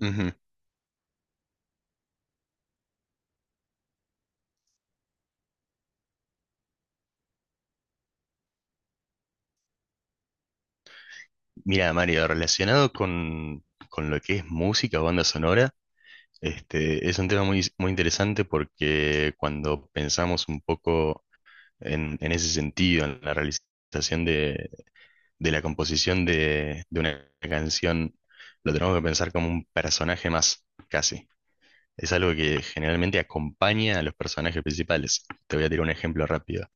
Ujú. Mira, Mario, relacionado con lo que es música o banda sonora, es un tema muy, muy interesante porque cuando pensamos un poco en, ese sentido, en la realización de, la composición de una canción, lo tenemos que pensar como un personaje más, casi. Es algo que generalmente acompaña a los personajes principales. Te voy a tirar un ejemplo rápido.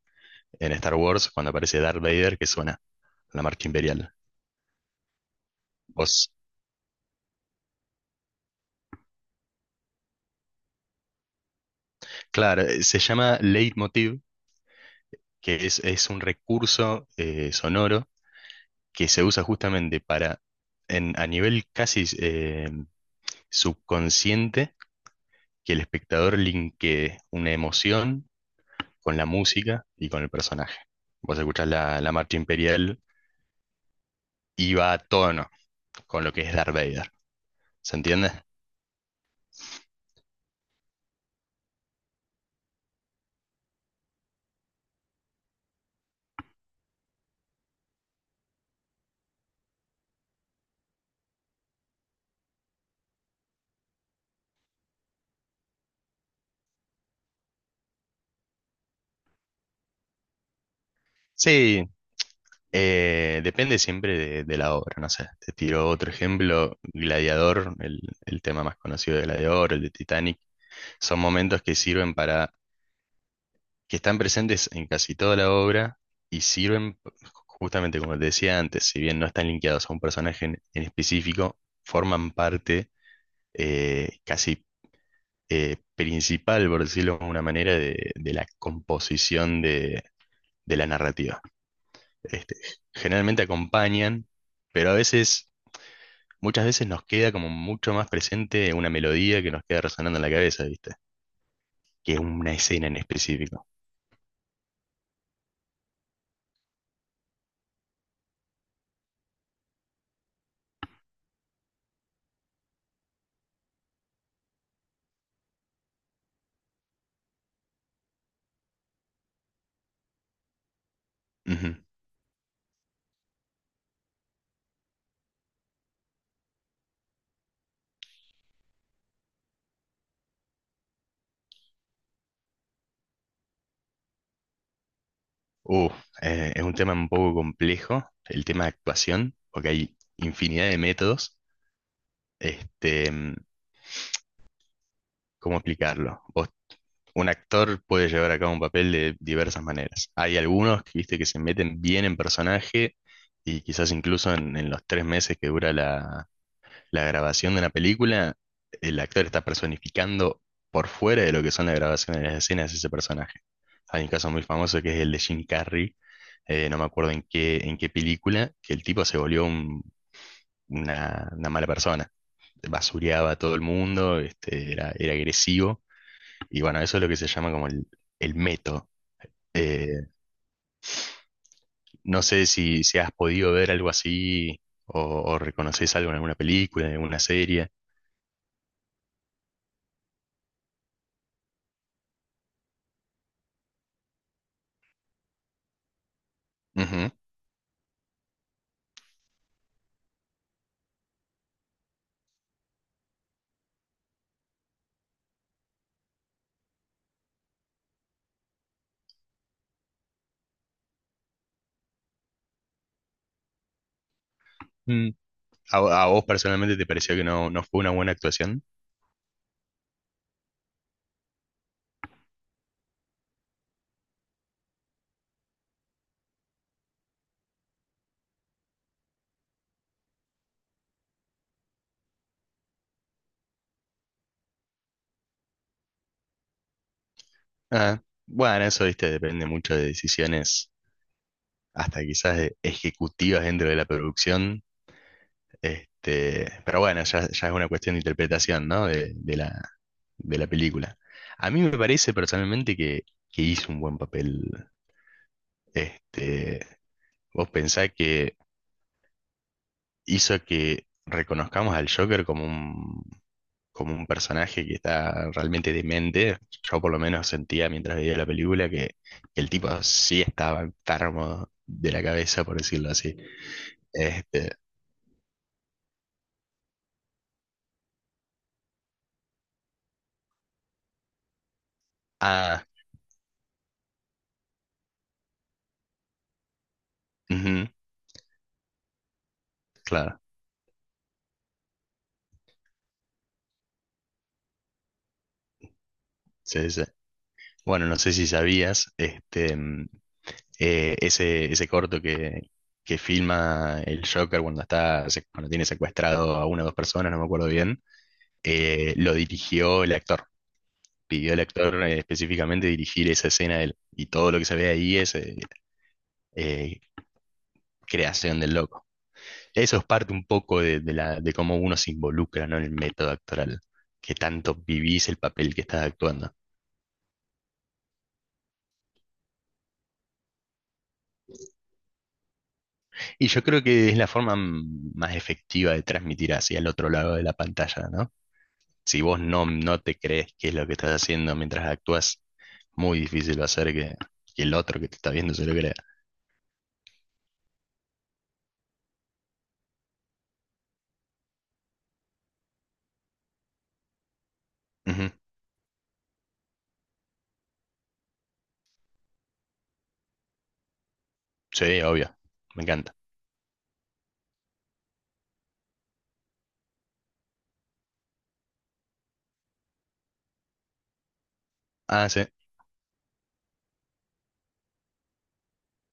En Star Wars, cuando aparece Darth Vader, que suena la marcha imperial. ¿Vos Claro, se llama leitmotiv, que es un recurso sonoro que se usa justamente a nivel casi subconsciente, que el espectador linkee una emoción con la música y con el personaje. Vos escuchás la marcha imperial y va a tono con lo que es Darth Vader. ¿Se entiende? Sí, depende siempre de la obra, no sé. Te tiro otro ejemplo, Gladiador, el tema más conocido de Gladiador, el de Titanic. Son momentos que sirven para, que están presentes en casi toda la obra y sirven, justamente como te decía antes, si bien no están linkeados a un personaje en específico, forman parte casi principal, por decirlo de una manera, de la composición de la narrativa. Este, generalmente acompañan, pero a veces, muchas veces nos queda como mucho más presente una melodía que nos queda resonando en la cabeza, ¿viste? Que una escena en específico. Ujú. Uh, es un tema un poco complejo, el tema de actuación, porque hay infinidad de métodos. Este, mm, ¿Cómo explicarlo? Un actor puede llevar a cabo un papel de diversas maneras. Hay algunos que, viste, que se meten bien en personaje y quizás incluso en los 3 meses que dura la grabación de una película, el actor está personificando por fuera de lo que son la grabación de las escenas ese personaje. Hay un caso muy famoso que es el de Jim Carrey, no me acuerdo en qué película, que el tipo se volvió una mala persona. Basureaba a todo el mundo, era agresivo, y bueno, eso es lo que se llama como el meto. Eh, no sé si has podido ver algo así o reconoces algo en alguna película, en alguna serie. Ujú. ¿A, a vos personalmente te pareció que no fue una buena actuación? Ah, bueno, eso, viste, depende mucho de decisiones, hasta quizás de ejecutivas dentro de la producción. Pero bueno, ya es una cuestión de interpretación, ¿no? De la película. A mí me parece personalmente que hizo un buen papel. Este, vos pensás que hizo que reconozcamos al Joker como un personaje que está realmente demente. Yo por lo menos sentía mientras veía la película que el tipo sí estaba enfermo de la cabeza, por decirlo así. Este, ah, ujú, claro, sí, sí. Bueno, no sé si sabías, ese corto que filma el Joker cuando tiene secuestrado a una o dos personas, no me acuerdo bien, lo dirigió el actor pidió al actor específicamente dirigir esa escena de él. Y todo lo que se ve ahí es, eh, creación del loco. Eso es parte un poco de cómo uno se involucra, ¿no? En el método actoral, que tanto vivís el papel que estás actuando. Y yo creo que es la forma más efectiva de transmitir hacia el otro lado de la pantalla, ¿no? Si vos no te crees qué es lo que estás haciendo mientras actúas, muy difícil va a ser que el otro que te está viendo se lo crea. Ujú. Sí, obvio, me encanta. Ah, sí.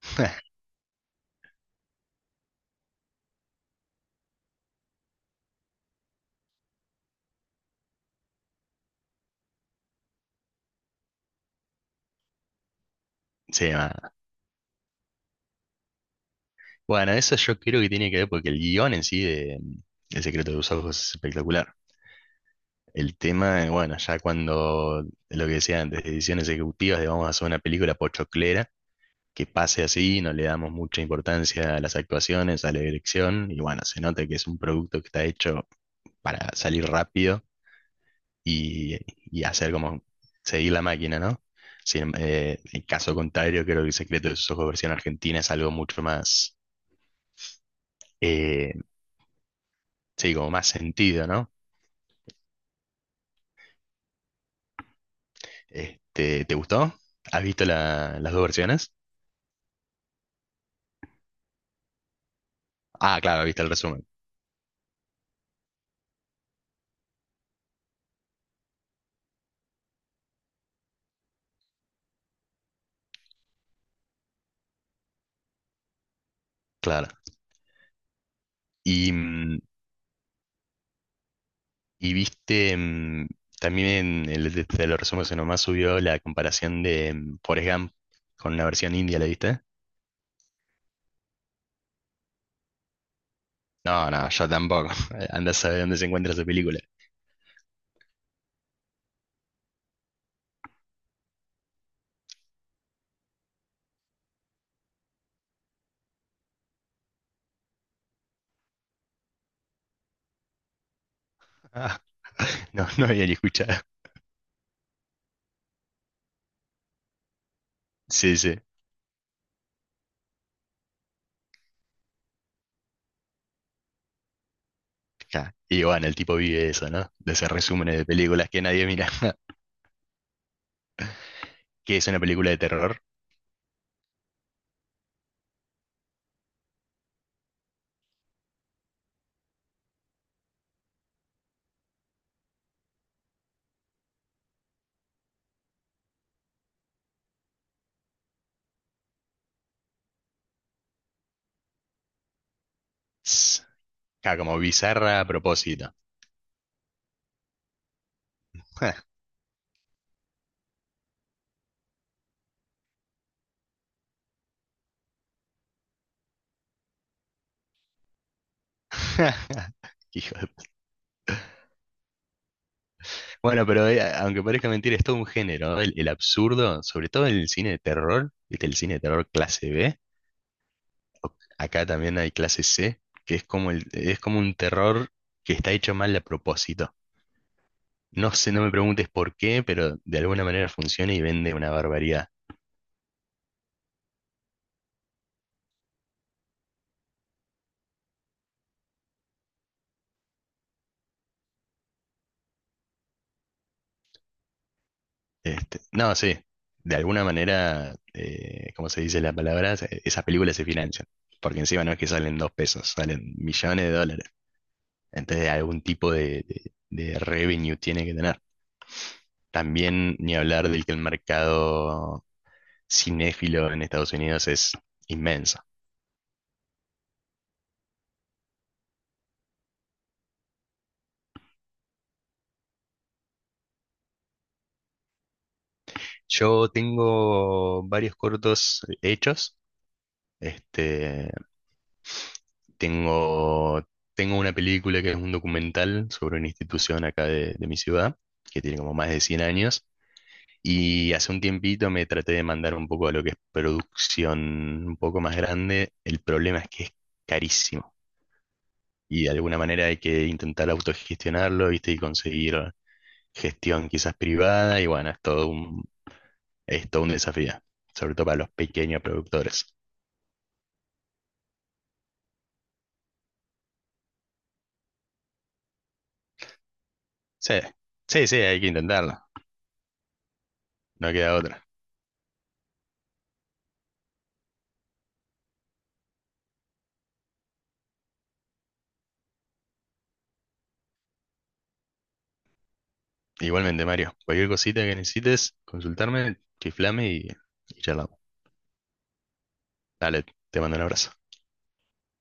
Sí. Bueno, eso yo creo que tiene que ver porque el guión en sí de El secreto de los ojos es espectacular. El tema, bueno, ya cuando lo que decía antes, decisiones ejecutivas de vamos a hacer una película pochoclera, que pase así, no le damos mucha importancia a las actuaciones, a la dirección, y bueno, se nota que es un producto que está hecho para salir rápido y, y hacer como seguir la máquina, ¿no? Sin, en caso contrario, creo que El secreto de sus ojos versión argentina es algo mucho más, eh, sí, como más sentido, ¿no? ¿Te gustó? ¿Has visto las dos versiones? Ah, claro, viste el resumen, claro. Y, mm, y viste, también en el, de los resúmenes nomás subió la comparación de Forrest Gump con una versión india, ¿la viste? No, no, yo tampoco. Anda a saber dónde se encuentra esa película. Ah, no había ni escuchado. Sí, sí. Ja. Y bueno, el tipo vive eso, ¿no? De hacer resúmenes de películas que nadie mira. ¿Qué es una película de terror? Tss, ja, como bizarra a propósito. Hijo de- Bueno, pero aunque parezca mentira, es todo un género, ¿no? El absurdo, sobre todo en el cine de terror, ¿viste? El cine de terror clase B, acá también hay clase C, que es como, es como un terror que está hecho mal a propósito. No sé, no me preguntes por qué, pero de alguna manera funciona y vende una barbaridad. No, sí, de alguna manera, ¿cómo se dice la palabra? Esas películas se financian, porque encima no es que salen 2 pesos, salen millones de dólares. Entonces algún tipo de revenue tiene que tener. También ni hablar del que el mercado cinéfilo en Estados Unidos es inmenso. Yo tengo varios cortos hechos. Este, tengo, tengo una película que es un documental sobre una institución acá de mi ciudad, que tiene como más de 100 años. Y hace un tiempito me traté de mandar un poco a lo que es producción un poco más grande. El problema es que es carísimo. Y de alguna manera hay que intentar autogestionarlo, ¿viste? Y conseguir gestión quizás privada y bueno, es todo un desafío, sobre todo para los pequeños productores. Sí, sí, sí, hay que intentarlo, no queda otra. Igualmente, Mario, cualquier cosita que necesites, consultarme, chiflame y charlamos. Dale, te mando un abrazo.